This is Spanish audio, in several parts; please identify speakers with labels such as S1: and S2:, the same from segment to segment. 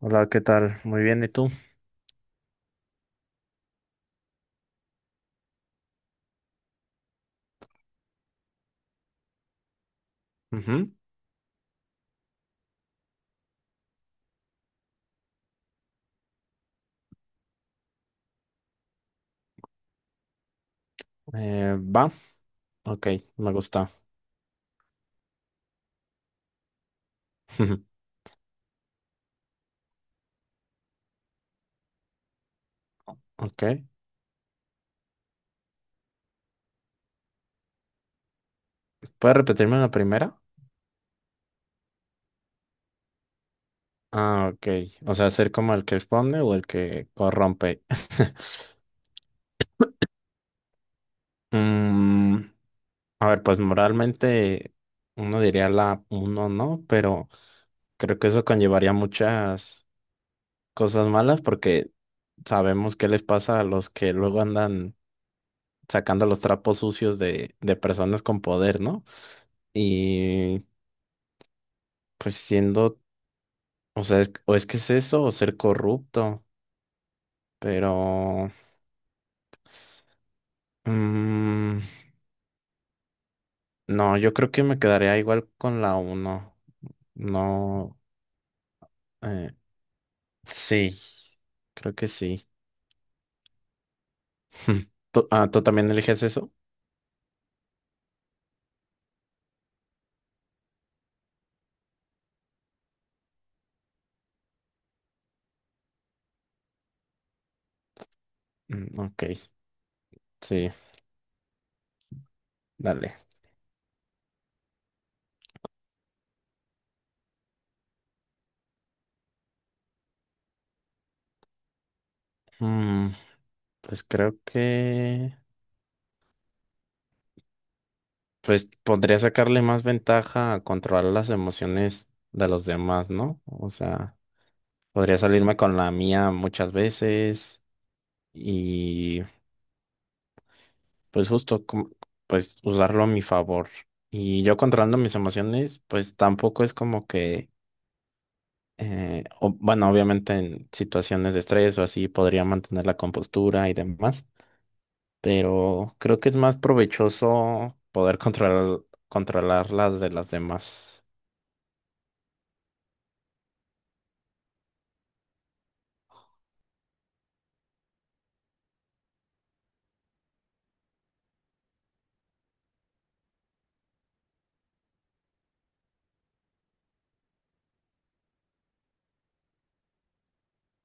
S1: Hola, ¿qué tal? Muy bien, ¿y tú? Ujú. Va, ok, me gusta. Ok, ¿puedes repetirme la primera? Ah, ok, o sea, ser como el que expone o el que corrompe. Mm, a ver, pues moralmente uno diría la uno, ¿no? Pero creo que eso conllevaría muchas cosas malas porque sabemos qué les pasa a los que luego andan sacando los trapos sucios de personas con poder, ¿no? Y pues siendo, o sea, o es que es eso, o ser corrupto, pero... mm, no, yo creo que me quedaría igual con la uno. No, eh, sí, creo que sí. ¿Tú, ¿tú también eliges eso? Mm, ok, sí, dale. Mm, pues creo que... pues podría sacarle más ventaja a controlar las emociones de los demás, ¿no? O sea, podría salirme con la mía muchas veces y... pues justo, pues usarlo a mi favor. Y yo controlando mis emociones, pues tampoco es como que, bueno, obviamente en situaciones de estrés o así podría mantener la compostura y demás, pero creo que es más provechoso poder controlar, controlar las de las demás.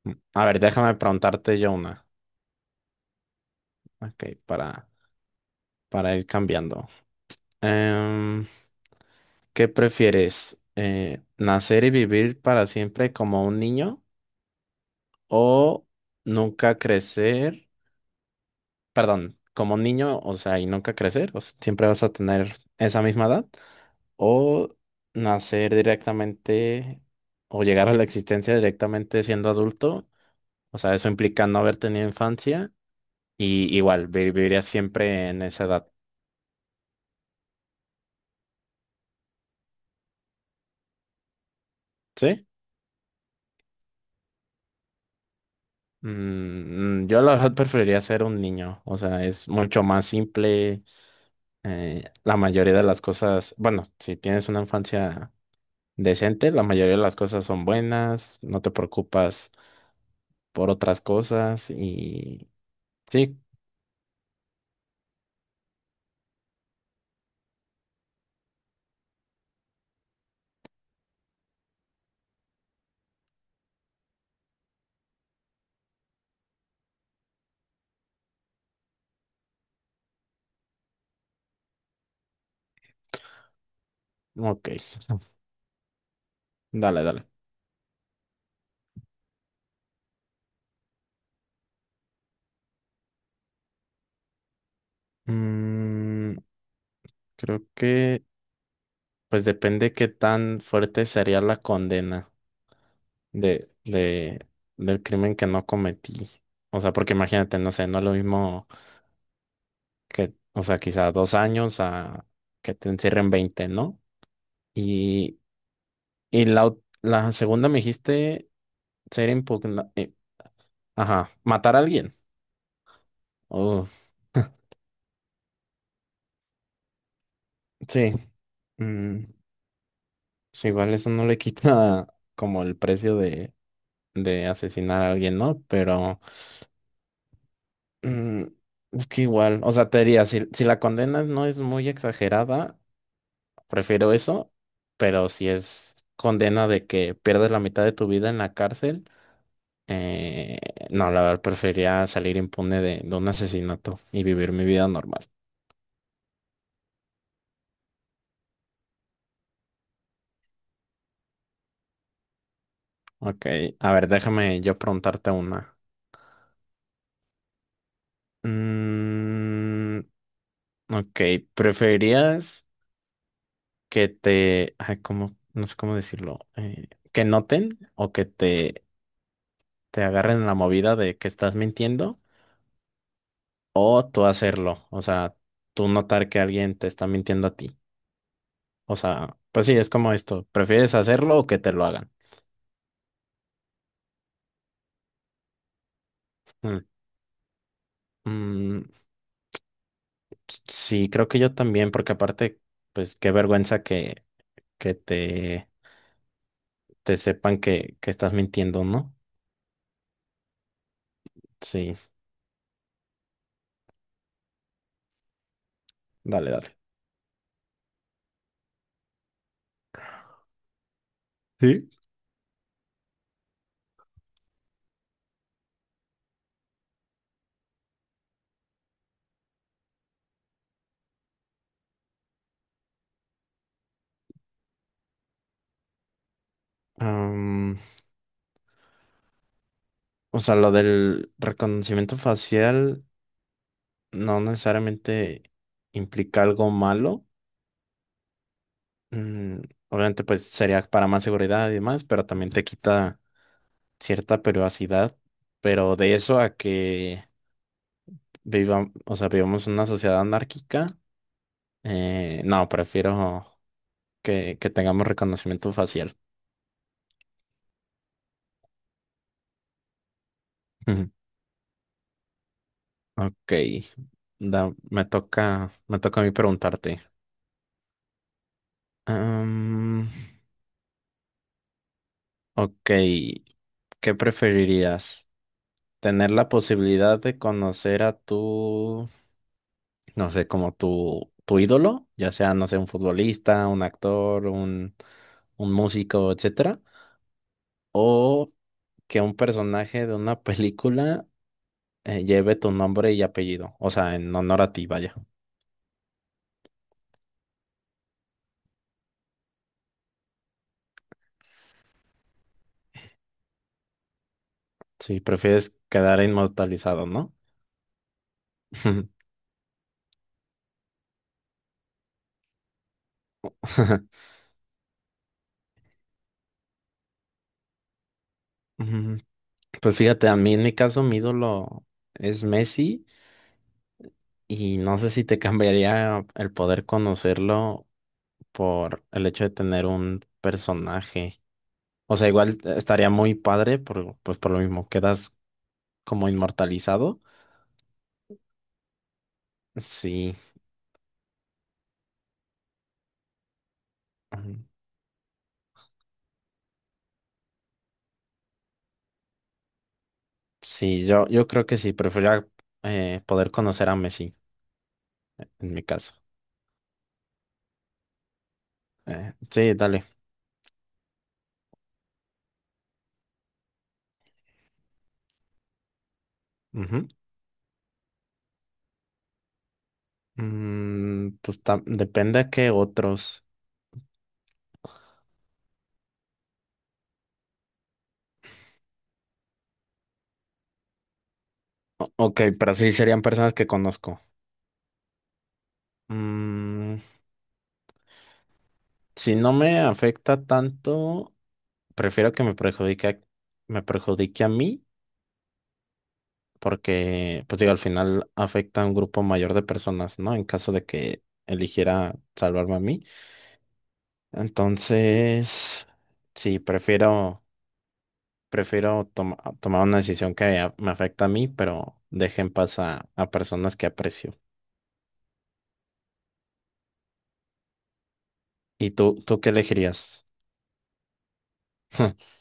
S1: Mm, a ver, déjame preguntarte yo una, ok, para ir cambiando. Em, ¿Qué prefieres? ¿Nacer y vivir para siempre como un niño? O nunca crecer, perdón, como niño, o sea, y nunca crecer, o sea, siempre vas a tener esa misma edad, o nacer directamente o llegar a la existencia directamente siendo adulto, o sea, eso implica no haber tenido infancia y igual viviría siempre en esa edad, ¿sí? Yo la verdad preferiría ser un niño, o sea, es mucho más simple. La mayoría de las cosas, bueno, si tienes una infancia decente, la mayoría de las cosas son buenas, no te preocupas por otras cosas y sí, ok, dale, dale. Mm, Creo que pues depende qué tan fuerte sería la condena de, de, del crimen que no cometí. O sea, porque imagínate, no sé, no es lo mismo que, o sea, quizá 2 años a que te encierren 20, ¿no? Y, y la, la segunda me dijiste ser impugna, ajá, matar a alguien. Oh, sí. mm, pues igual eso no le quita como el precio de asesinar a alguien, ¿no? Pero mm, es que igual, o sea, te diría, si la condena no es muy exagerada, prefiero eso, pero si es condena de que pierdes la mitad de tu vida en la cárcel, eh, no, la verdad, preferiría salir impune de un asesinato y vivir mi vida normal. Ok, a ver, déjame yo preguntarte una. Mm, ok, ¿preferirías que te, ay, cómo- no sé cómo decirlo, que noten o que te agarren en la movida de que estás mintiendo o tú hacerlo? O sea, tú notar que alguien te está mintiendo a ti. O sea, pues sí, es como esto, ¿prefieres hacerlo o que te lo hagan? Mm, mm, sí, creo que yo también, porque aparte, pues qué vergüenza que te sepan que estás mintiendo, ¿no? Sí, dale, dale. Sí. O sea, lo del reconocimiento facial no necesariamente implica algo malo. Mm, Obviamente, pues sería para más seguridad y demás, pero también te quita cierta privacidad. Pero de eso a que viva, o sea, vivamos en una sociedad anárquica, no, prefiero que tengamos reconocimiento facial. Ujú. Ok, me toca a mí preguntarte. Am, ok, ¿qué preferirías? Tener la posibilidad de conocer a tu, no sé, como tu ídolo, ya sea, no sé, un futbolista, un actor, un músico, etcétera, o que un personaje de una película lleve tu nombre y apellido, o sea, en honor a ti, vaya. ¿Si prefieres quedar inmortalizado, no? Mm, pues fíjate, a mí en mi caso mi ídolo es Messi y no sé si te cambiaría el poder conocerlo por el hecho de tener un personaje. O sea, igual estaría muy padre, por, pues por lo mismo, quedas como inmortalizado. Sí, ujú. Sí, yo creo que sí, preferiría poder conocer a Messi, en mi caso. Sí, dale. Ujú. Mm, pues depende a qué otros. Ok, pero sí serían personas que conozco. Mm, si no me afecta tanto, prefiero que me perjudique a mí porque, pues digo, al final afecta a un grupo mayor de personas, ¿no? En caso de que eligiera salvarme a mí. Entonces, sí, prefiero, prefiero tomar una decisión que me afecta a mí, pero deje en paz a personas que aprecio. ¿Y tú qué elegirías?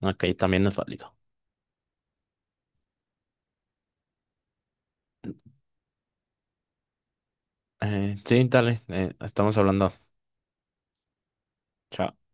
S1: Ok, también es válido. Sí, dale, estamos hablando. Chao.